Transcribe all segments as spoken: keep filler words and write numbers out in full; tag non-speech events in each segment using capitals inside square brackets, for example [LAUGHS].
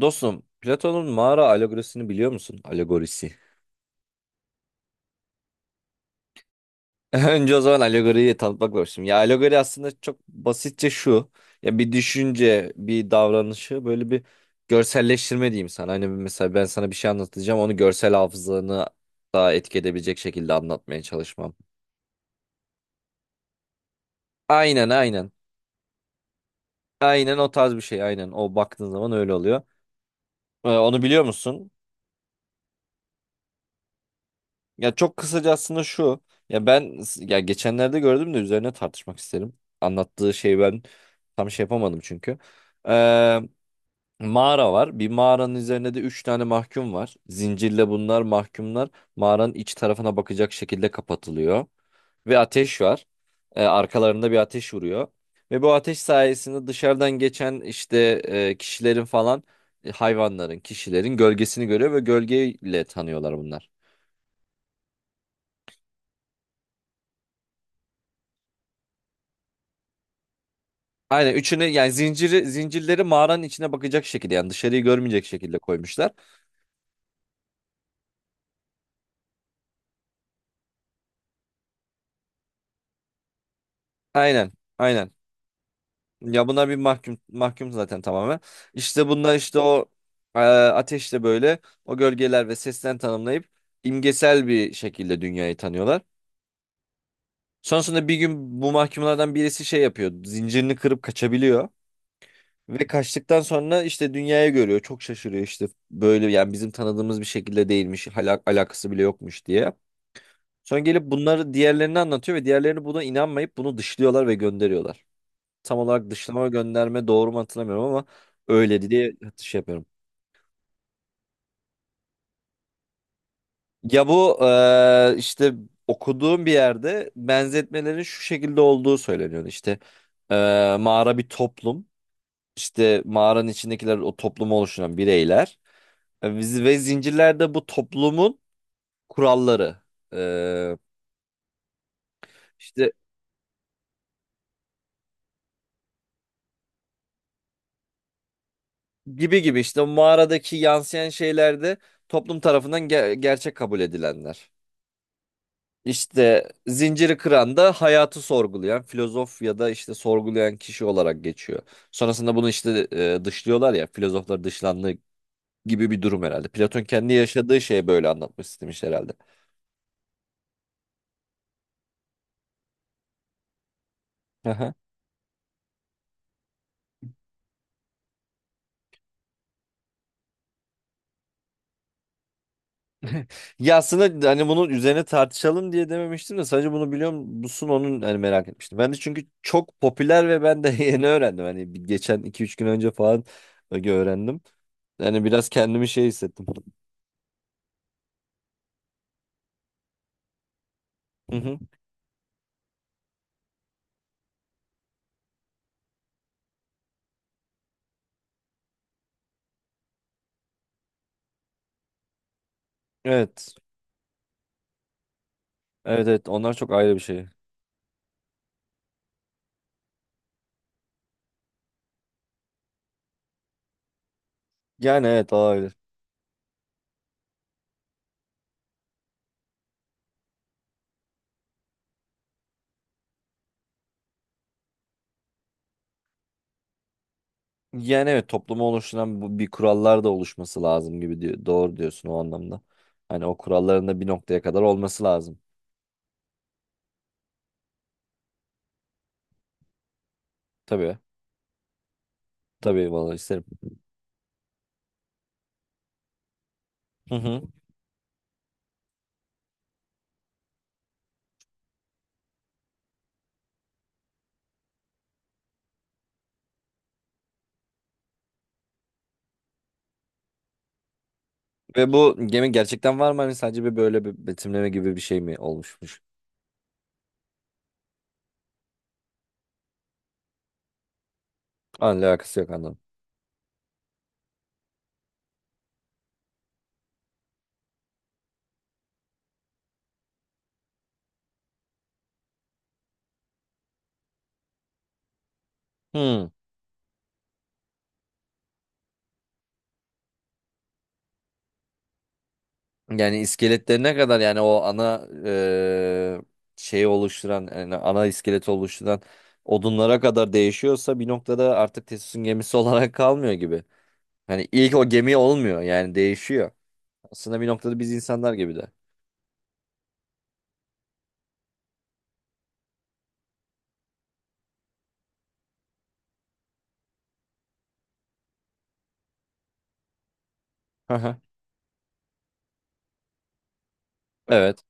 Dostum, Platon'un mağara alegorisini biliyor musun? Alegorisi. [LAUGHS] Önce o zaman alegoriyi tanıtmak başlayayım. Ya alegori aslında çok basitçe şu. Ya bir düşünce, bir davranışı böyle bir görselleştirme diyeyim sana. Hani mesela ben sana bir şey anlatacağım. Onu görsel hafızanı daha etki edebilecek şekilde anlatmaya çalışmam. Aynen aynen. Aynen o tarz bir şey aynen. O baktığın zaman öyle oluyor. Ee, onu biliyor musun? Ya çok kısaca aslında şu. Ya ben ya geçenlerde gördüm de üzerine tartışmak isterim. Anlattığı şey ben tam şey yapamadım çünkü. Ee, mağara var. Bir mağaranın üzerinde de üç tane mahkum var. Zincirle bunlar mahkumlar mağaranın iç tarafına bakacak şekilde kapatılıyor. Ve ateş var. Ee, arkalarında bir ateş vuruyor. Ve bu ateş sayesinde dışarıdan geçen işte e, kişilerin falan e, hayvanların, kişilerin gölgesini görüyor ve gölgeyle tanıyorlar bunlar. Aynen üçünü yani zinciri zincirleri mağaranın içine bakacak şekilde yani dışarıyı görmeyecek şekilde koymuşlar. Aynen. Aynen. Ya bunlar bir mahkum mahkum zaten tamamen. İşte bunlar işte o e, ateşle böyle o gölgeler ve sesten tanımlayıp imgesel bir şekilde dünyayı tanıyorlar. Sonrasında bir gün bu mahkumlardan birisi şey yapıyor. Zincirini kırıp kaçabiliyor. Ve kaçtıktan sonra işte dünyayı görüyor. Çok şaşırıyor işte böyle yani bizim tanıdığımız bir şekilde değilmiş. Hala alakası bile yokmuş diye. Sonra gelip bunları diğerlerine anlatıyor ve diğerlerini buna inanmayıp bunu dışlıyorlar ve gönderiyorlar. Tam olarak dışlama ve gönderme doğru mu hatırlamıyorum ama öyleydi diye şey yapıyorum. Ya bu eee, işte okuduğum bir yerde benzetmelerin şu şekilde olduğu söyleniyordu. İşte eee, mağara bir toplum. İşte mağaranın içindekiler o toplumu oluşturan bireyler. E, biz- Ve zincirlerde bu toplumun kuralları. Eee işte gibi gibi işte o mağaradaki yansıyan şeylerde toplum tarafından ge- gerçek kabul edilenler. İşte zinciri kıran da hayatı sorgulayan filozof ya da işte sorgulayan kişi olarak geçiyor. Sonrasında bunu işte e, dışlıyorlar ya filozoflar dışlandığı gibi bir durum herhalde. Platon kendi yaşadığı şeyi böyle anlatmış istemiş herhalde. [LAUGHS] Ya aslında hani bunun üzerine tartışalım diye dememiştim de sadece bunu biliyor musun onun hani merak etmiştim. Ben de çünkü çok popüler ve ben de [LAUGHS] yeni öğrendim. Hani bir- geçen iki üç gün önce falan öğrendim. Yani biraz kendimi şey hissettim. Hı hı. Evet. Evet, evet, onlar çok ayrı bir şey. Yani evet ayrı. Yani evet toplumu oluşturan bu, bir kurallar da oluşması lazım gibi diyor. Doğru diyorsun o anlamda. Hani o kuralların da bir noktaya kadar olması lazım. Tabii. Tabii vallahi isterim. Hı hı. Ve bu gemi gerçekten var mı? Hani sadece bir böyle bir betimleme gibi bir şey mi olmuşmuş? Anla alakası yok, anladım. Hmm. Yani iskeletleri ne kadar yani o ana eee şeyi oluşturan yani ana iskeleti oluşturan odunlara kadar değişiyorsa bir noktada artık Tesos'un gemisi [LAUGHS] olarak kalmıyor gibi. Hani ilk o gemi olmuyor yani değişiyor. Aslında bir noktada biz insanlar gibi de. Hı hı. Evet.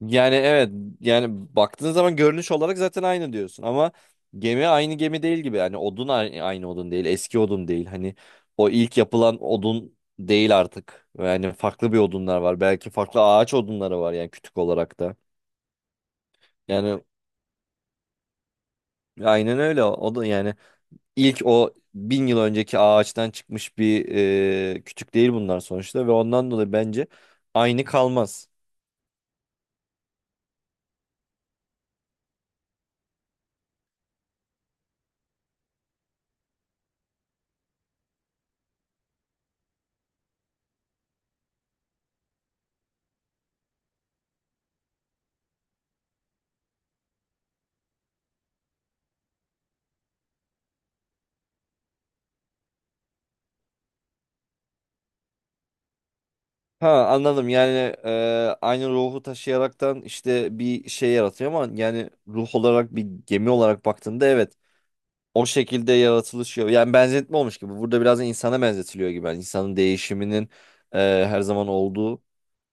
Yani evet yani baktığın zaman görünüş olarak zaten aynı diyorsun ama gemi aynı gemi değil gibi yani odun ay- aynı odun değil eski odun değil hani o ilk yapılan odun değil artık yani farklı bir odunlar var belki farklı ağaç odunları var yani kütük olarak da yani aynen öyle o da yani ilk o bin yıl önceki ağaçtan çıkmış bir e, kütük değil bunlar sonuçta ve ondan dolayı bence aynı kalmaz. Ha anladım yani e, aynı ruhu taşıyaraktan işte bir şey yaratıyor ama yani ruh olarak bir gemi olarak baktığında evet o şekilde yaratılışıyor. Yani benzetme olmuş gibi burada biraz da insana benzetiliyor gibi yani insanın değişiminin e, her zaman olduğu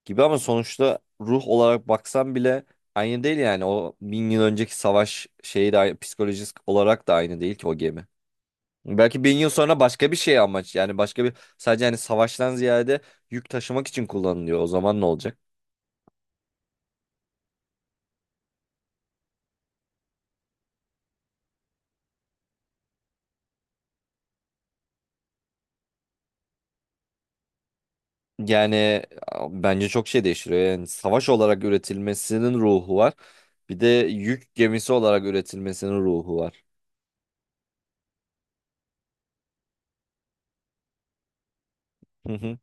gibi ama sonuçta ruh olarak baksan bile aynı değil yani o bin yıl önceki savaş şeyi de aynı- psikolojik olarak da aynı değil ki o gemi. Belki bin yıl sonra başka bir şey amaç yani başka bir sadece hani savaştan ziyade yük taşımak için kullanılıyor. O zaman ne olacak? Yani a- bence çok şey değiştiriyor. Yani savaş olarak üretilmesinin ruhu var. Bir de yük gemisi olarak üretilmesinin ruhu var. Hı hı.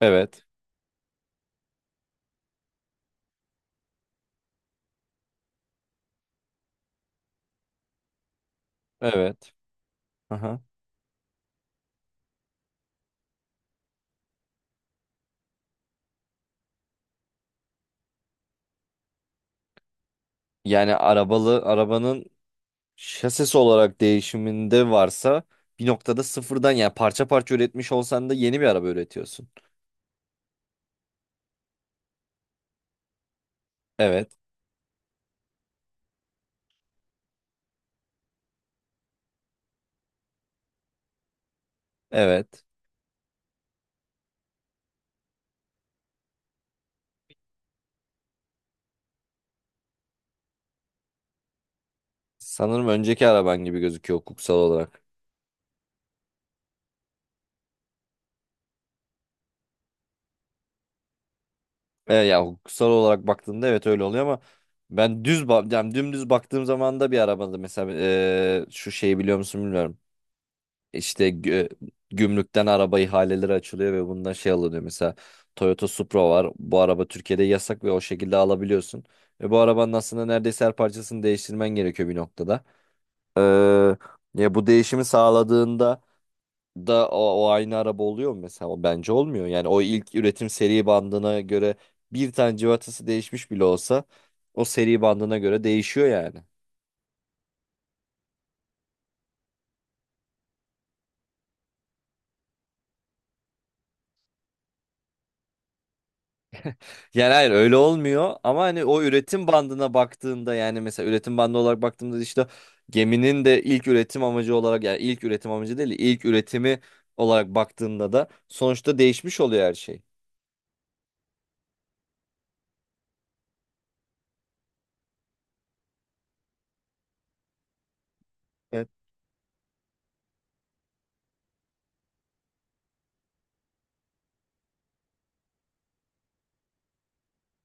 Evet. Evet. Aha. Yani arabalı arabanın şasisi olarak değişiminde varsa bir noktada sıfırdan yani parça parça üretmiş olsan da yeni bir araba üretiyorsun. Evet. Evet. Sanırım önceki araban gibi gözüküyor hukuksal olarak. E, ya hukuksal olarak baktığında evet öyle oluyor ama ben düz ba- yani dümdüz baktığım zaman da bir arabada mesela e, şu şeyi biliyor musun bilmiyorum. İşte gü- gümrükten araba ihaleleri açılıyor ve bundan şey alınıyor. Mesela Toyota Supra var. Bu araba Türkiye'de yasak ve o şekilde alabiliyorsun. Ve bu arabanın aslında neredeyse her parçasını değiştirmen gerekiyor bir noktada. Ee, ya bu değişimi sağladığında da o, o aynı araba oluyor mu mesela? O bence olmuyor. Yani o ilk üretim seri bandına göre bir tane civatası değişmiş bile olsa o seri bandına göre değişiyor yani. Yani hayır öyle olmuyor ama hani o üretim bandına baktığında yani mesela üretim bandı olarak baktığımda işte geminin de ilk üretim amacı olarak yani ilk üretim amacı değil de ilk üretimi olarak baktığında da sonuçta değişmiş oluyor her şey. Evet.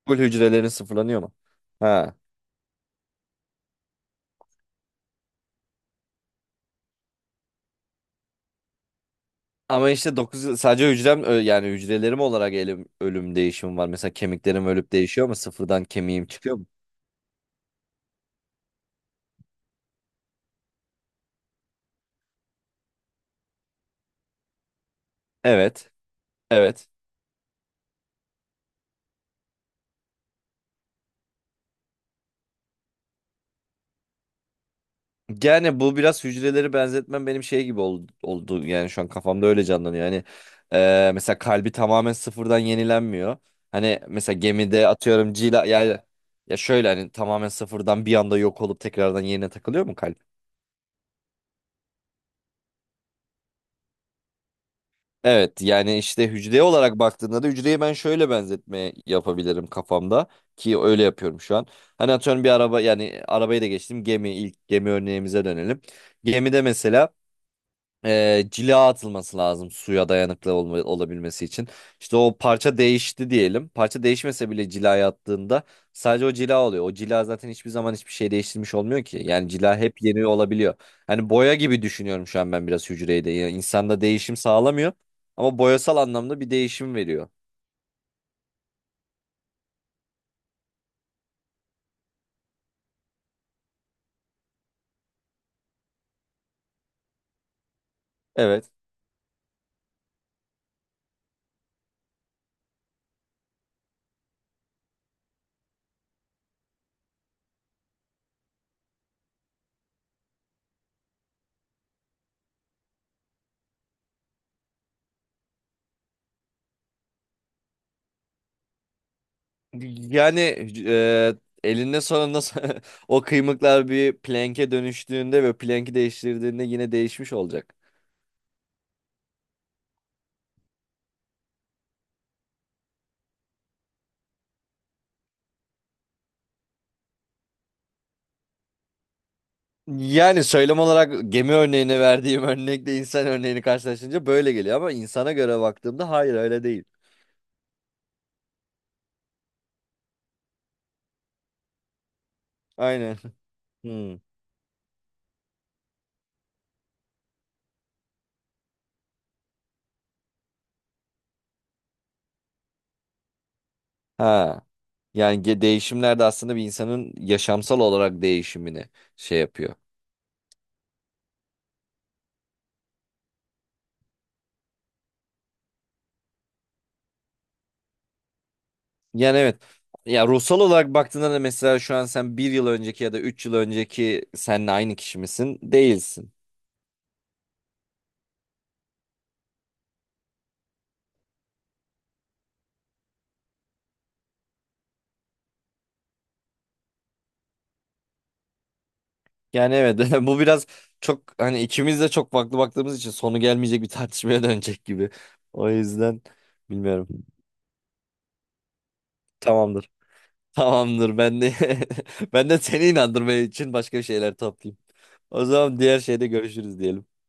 Full hücrelerin sıfırlanıyor mu? Ha. Ama işte dokuz sadece hücrem ö- yani hücrelerim olarak elim, ölüm değişimi var. Mesela kemiklerim ölüp değişiyor mu? Sıfırdan kemiğim çıkıyor mu? Evet. Evet. Yani bu biraz hücreleri benzetmem benim şey gibi ol- oldu. Yani şu an kafamda öyle canlanıyor. Hani e, mesela kalbi tamamen sıfırdan yenilenmiyor. Hani mesela gemide atıyorum cila yani ya şöyle hani tamamen sıfırdan bir anda yok olup tekrardan yerine takılıyor mu kalp? Evet yani işte hücre olarak baktığında da hücreyi ben şöyle benzetme yapabilirim kafamda ki öyle yapıyorum şu an. Hani atıyorum bir araba yani arabayı da geçtim gemi ilk gemi örneğimize dönelim. Gemide mesela e, cila atılması lazım suya dayanıklı olma- olabilmesi için. İşte o parça değişti diyelim. Parça değişmese bile cilaya attığında sadece o cila oluyor. O cila zaten hiçbir zaman hiçbir şey değiştirmiş olmuyor ki. Yani cila hep yeni olabiliyor. Hani boya gibi düşünüyorum şu an ben biraz hücreyi de. Yani insanda değişim sağlamıyor ama boyasal anlamda bir değişim veriyor. Evet. Yani e, elinde sonunda [LAUGHS] o kıymıklar bir plank'e dönüştüğünde ve plank'i değiştirdiğinde yine değişmiş olacak. Yani söylem olarak gemi örneğine verdiğim örnekle insan örneğini karşılaştırınca böyle geliyor ama insana göre baktığımda hayır öyle değil. Aynen. Hmm. Ha. Yani ge- değişimler de aslında bir insanın yaşamsal olarak değişimini şey yapıyor. Yani evet. Ya ruhsal olarak baktığında da mesela şu an sen bir yıl önceki ya da üç yıl önceki seninle aynı kişi misin? Değilsin. Yani evet [LAUGHS] bu biraz çok hani ikimiz de çok farklı baktığımız için sonu gelmeyecek bir tartışmaya [LAUGHS] dönecek gibi. O yüzden bilmiyorum. Tamamdır. Tamamdır ben de [LAUGHS] ben de seni inandırmaya için başka şeyler toplayayım. O zaman diğer şeyde görüşürüz diyelim.